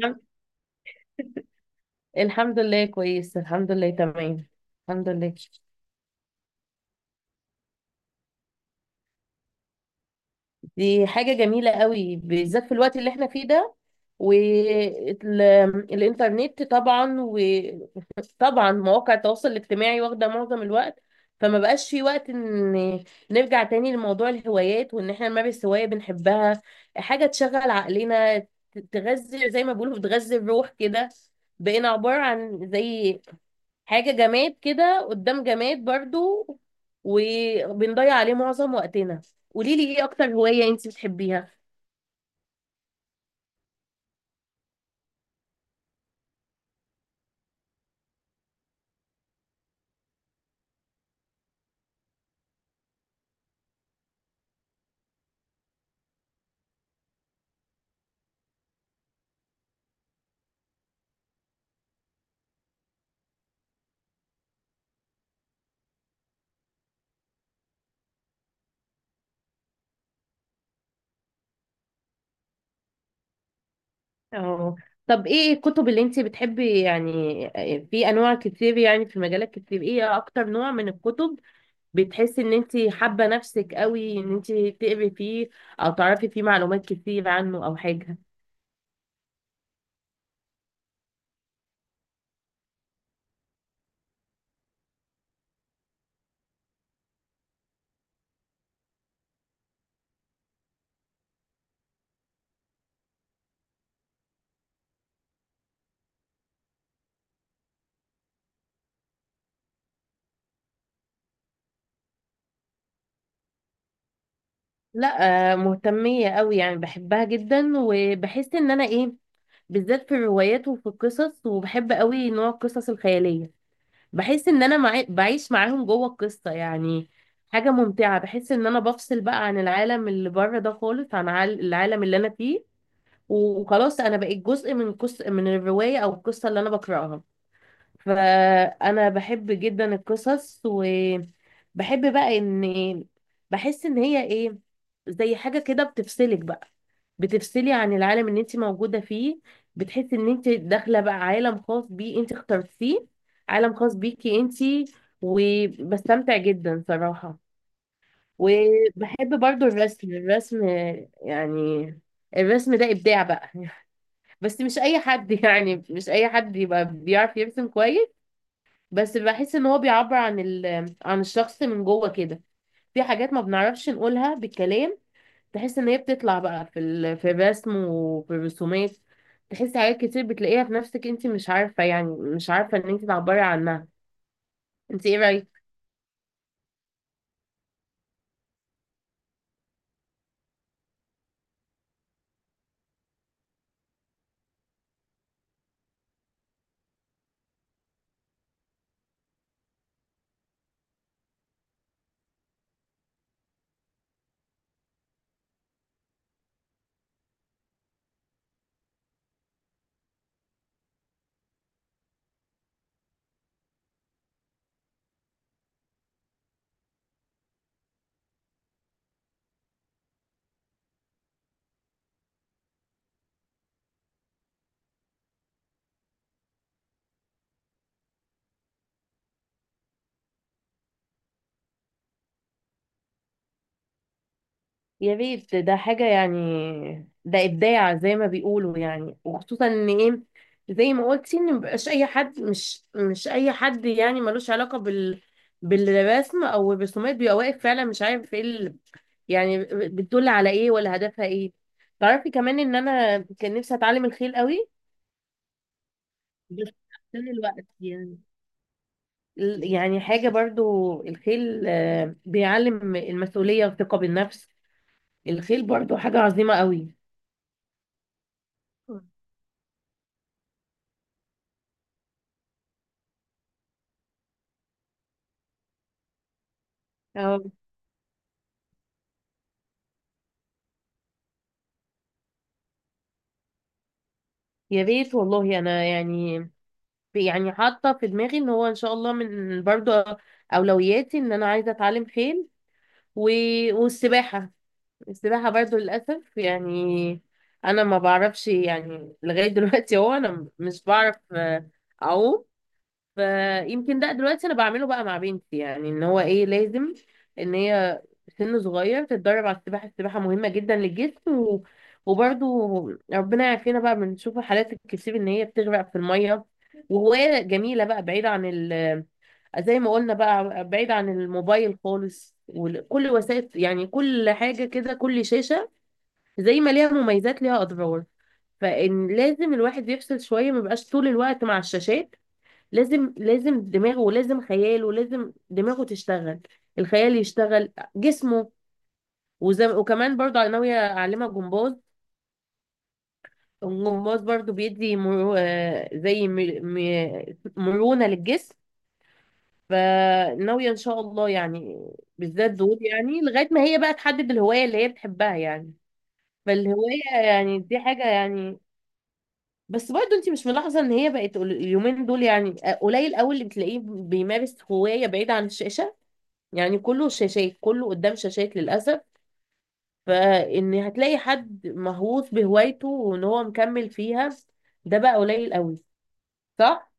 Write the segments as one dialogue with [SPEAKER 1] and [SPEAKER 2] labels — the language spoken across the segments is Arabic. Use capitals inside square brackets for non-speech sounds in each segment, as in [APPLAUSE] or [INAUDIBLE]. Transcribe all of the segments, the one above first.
[SPEAKER 1] الحمد [LAUGHS] الحمد لله كويس، الحمد لله تمام، الحمد لله. دي حاجة جميلة قوي بالذات في الوقت اللي احنا فيه ده. والإنترنت طبعا [LAUGHS] مواقع التواصل الاجتماعي واخدة معظم الوقت، فما بقاش في وقت ان نرجع تاني لموضوع الهوايات وان احنا نمارس هواية بنحبها، حاجة تشغل عقلنا تغذي، زي ما بيقولوا بتغذي الروح كده. بقينا عبارة عن زي حاجة جماد كده قدام جماد برضو، وبنضيع عليه معظم وقتنا. قولي لي ايه اكتر هواية انت بتحبيها. اه، طب ايه الكتب اللي انت بتحبي يعني؟ في انواع كتير، يعني في مجالات كتير. ايه اكتر نوع من الكتب بتحسي ان انت حابة نفسك قوي ان انت تقري فيه او تعرفي فيه معلومات كتير عنه او حاجة؟ لا مهتمية قوي يعني، بحبها جدا، وبحس ان انا ايه، بالذات في الروايات وفي القصص. وبحب قوي نوع القصص الخيالية، بحس ان انا معي بعيش معاهم جوه القصة يعني. حاجة ممتعة، بحس ان انا بفصل بقى عن العالم اللي بره ده خالص، عن العالم اللي انا فيه، وخلاص انا بقيت جزء من من الرواية او القصة اللي انا بقرأها. فانا بحب جدا القصص، وبحب بقى ان، بحس ان هي ايه، زي حاجة كده بتفصلك بقى، بتفصلي عن العالم اللي انت موجودة فيه، بتحسي ان انت داخلة بقى عالم خاص بيه انت اخترتيه، عالم خاص بيكي انت. وبستمتع جدا صراحة. وبحب برضو الرسم. يعني الرسم ده إبداع بقى [LAUGHS] بس مش أي حد [LAUGHS] يعني مش أي حد يبقى بيعرف يرسم كويس. بس بحس ان هو بيعبر عن ال... عن الشخص من جوه كده، في حاجات ما بنعرفش نقولها بالكلام، تحس ان هي بتطلع بقى في ال... في الرسم وفي الرسومات. تحس حاجات كتير بتلاقيها في نفسك انت مش عارفة، يعني مش عارفة ان انت تعبري عنها. انت ايه رأيك؟ يا ريت، ده حاجة يعني، ده إبداع زي ما بيقولوا يعني. وخصوصا ان ايه، زي ما قلتي ان مبقاش اي حد، مش اي حد يعني ملوش علاقة بال، بالرسم او الرسومات، بيبقى واقف فعلا مش عارف ايه يعني، بتدل على ايه ولا هدفها ايه. تعرفي كمان ان انا كان نفسي اتعلم الخيل قوي، بس عشان الوقت يعني. يعني حاجة برضو الخيل بيعلم المسؤولية والثقة بالنفس. الخيل برضو حاجة عظيمة قوي. اه، يا ريت والله. انا يعني، يعني حاطة في دماغي ان هو ان شاء الله من برضو اولوياتي ان انا عايزة اتعلم خيل، و... والسباحة. السباحة برضو للأسف يعني، أنا ما بعرفش يعني لغاية دلوقتي. هو أنا مش بعرف أعوم، فيمكن ده دلوقتي انا بعمله بقى مع بنتي، يعني ان هو ايه لازم ان هي سن صغير تتدرب على السباحه. السباحه مهمه جدا للجسم، و... وبرضو ربنا يعافينا بقى، بنشوف الحالات الكتير ان هي بتغرق في الميه. وهوايه جميله بقى بعيده عن ال...، زي ما قلنا بقى بعيد عن الموبايل خالص وكل وسائل، يعني كل حاجه كده، كل شاشه زي ما ليها مميزات ليها اضرار. فان لازم الواحد يفصل شويه، ما يبقاش طول الوقت مع الشاشات. لازم، لازم دماغه ولازم خياله ولازم دماغه تشتغل، الخيال يشتغل، جسمه. وكمان برضو انا ناويه اعلمها جمباز. الجمباز برضو بيدي مرو... زي مرونه للجسم. فناويه ان شاء الله يعني بالذات دول، يعني لغايه ما هي بقى تحدد الهوايه اللي هي بتحبها يعني. فالهوايه يعني دي حاجه يعني. بس برضه انت مش ملاحظه ان هي بقت اليومين دول يعني قليل قوي اللي بتلاقيه بيمارس هوايه بعيد عن الشاشه؟ يعني كله شاشات، كله قدام شاشات للأسف. فإن هتلاقي حد مهووس بهوايته وإن هو مكمل فيها، ده بقى قليل قوي. صح؟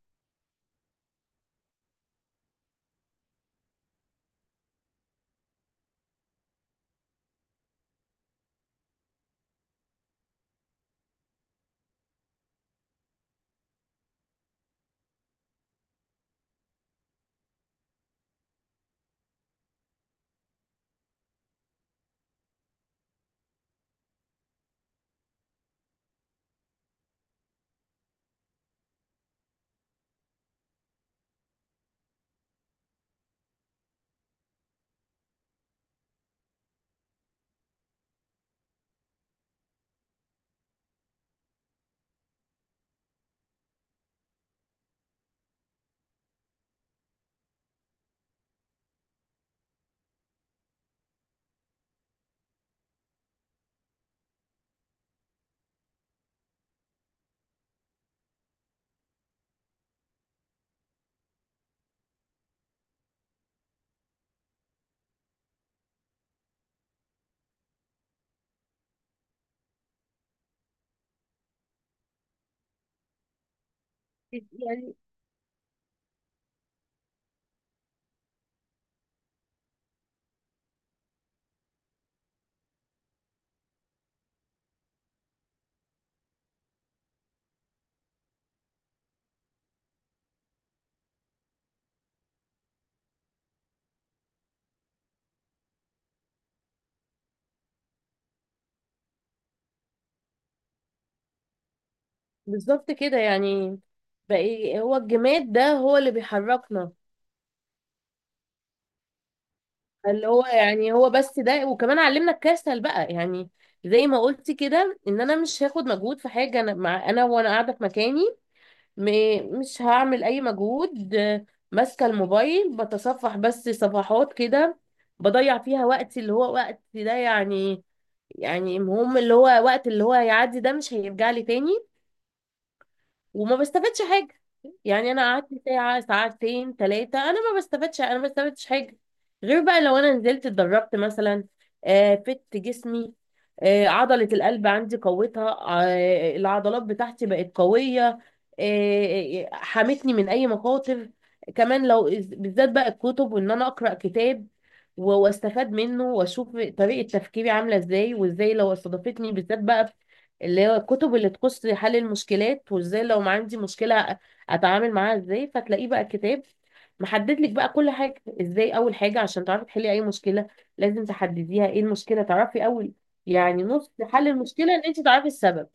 [SPEAKER 1] يعني بالظبط كده يعني. بقى هو الجماد ده هو اللي بيحركنا. اللي هو يعني، هو بس ده. وكمان علمنا الكسل بقى يعني. زي ما قلت كده ان انا مش هاخد مجهود في حاجه، انا مع انا، وانا قاعده في مكاني، مش هعمل اي مجهود، ماسكه الموبايل بتصفح بس صفحات كده، بضيع فيها وقتي اللي هو وقت ده يعني. يعني المهم اللي هو وقت، اللي هو هيعدي ده مش هيرجع لي تاني، وما بستفادش حاجة. يعني أنا قعدت ساعة، ساعتين، ثلاثة، أنا ما بستفادش، أنا ما بستفادش حاجة. غير بقى لو أنا نزلت اتدربت مثلا، آه فت جسمي، آه عضلة القلب عندي قوتها، آه العضلات بتاعتي بقت قوية، حمتني من أي مخاطر. كمان لو، بالذات بقى الكتب، وإن أنا أقرأ كتاب واستفاد منه، واشوف طريقة تفكيري عاملة ازاي، وازاي لو استضافتني. بالذات بقى اللي هو الكتب اللي تخص حل المشكلات، وازاي لو ما عندي مشكلة اتعامل معاها ازاي، فتلاقيه بقى كتاب محدد لك بقى كل حاجة ازاي. اول حاجة عشان تعرفي تحلي اي مشكلة، لازم تحدديها ايه المشكلة، تعرفي اول، يعني نص حل المشكلة ان انت تعرفي السبب.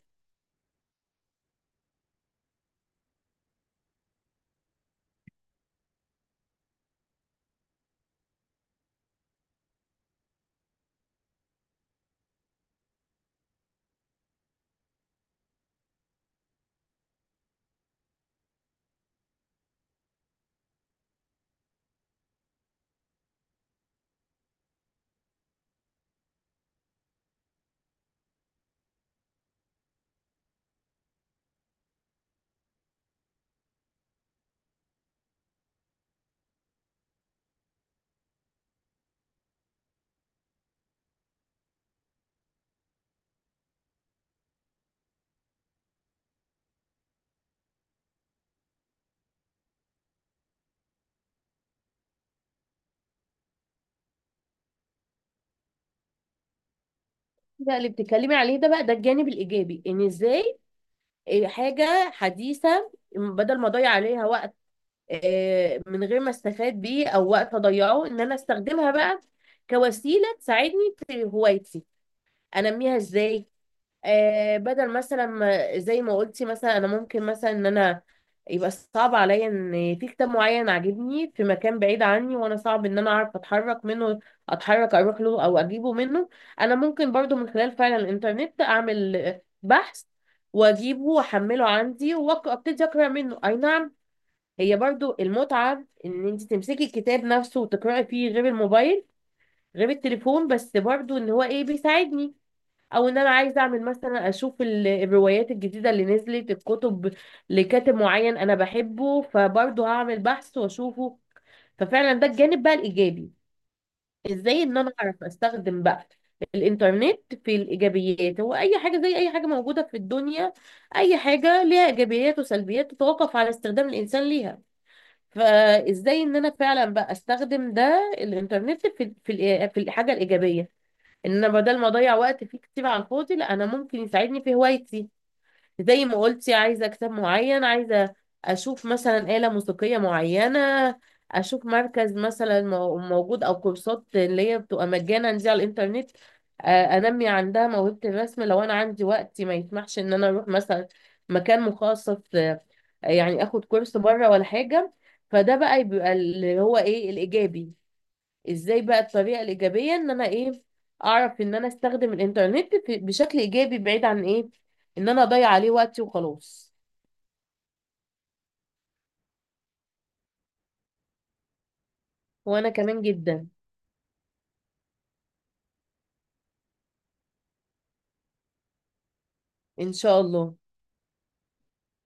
[SPEAKER 1] ده اللي بتتكلمي عليه ده بقى، ده الجانب الايجابي، ان ازاي إيه حاجة حديثة بدل ما اضيع عليها وقت من غير ما استفاد بيه، او وقت اضيعه ان انا استخدمها بقى كوسيلة تساعدني في هوايتي، انميها ازاي. آه بدل مثلا ما، زي ما قلتي مثلا، انا ممكن مثلا ان انا، يبقى صعب عليا ان في كتاب معين عاجبني في مكان بعيد عني، وانا صعب ان انا اعرف اتحرك منه، اتحرك اروح له او اجيبه منه. انا ممكن برضو من خلال فعلا الانترنت اعمل بحث واجيبه، واحمله عندي، وابتدي اقرا منه. اي نعم، هي برضو المتعة ان انت تمسكي الكتاب نفسه وتقرأي فيه، غير الموبايل غير التليفون، بس برضو ان هو ايه بيساعدني. او ان انا عايزه اعمل مثلا، اشوف الروايات الجديده اللي نزلت، الكتب لكاتب معين انا بحبه، فبرضه هعمل بحث واشوفه. ففعلا ده الجانب بقى الايجابي، ازاي ان انا اعرف استخدم بقى الانترنت في الايجابيات. هو اي حاجه زي اي حاجه موجوده في الدنيا، اي حاجه ليها ايجابيات وسلبيات تتوقف على استخدام الانسان ليها. فازاي ان انا فعلا بقى استخدم ده الانترنت في في الحاجه الايجابيه. ان انا بدل ما اضيع وقت فيه كتير على الفاضي، لا انا ممكن يساعدني في هوايتي. زي ما قلتي، عايزه كتاب معين، عايزه اشوف مثلا آلة موسيقية معينة، اشوف مركز مثلا موجود، او كورسات اللي هي بتبقى مجانا دي على الانترنت انمي عندها موهبة الرسم لو انا عندي وقت ما يسمحش ان انا اروح مثلا مكان مخصص، يعني اخد كورس بره ولا حاجة. فده بقى بيبقى اللي هو ايه الايجابي، ازاي بقى الطريقه الايجابيه ان انا ايه، اعرف ان انا استخدم الانترنت بشكل ايجابي، بعيد عن ايه، ان انا اضيع عليه وقتي وخلاص. وانا كمان جدا. ان شاء الله.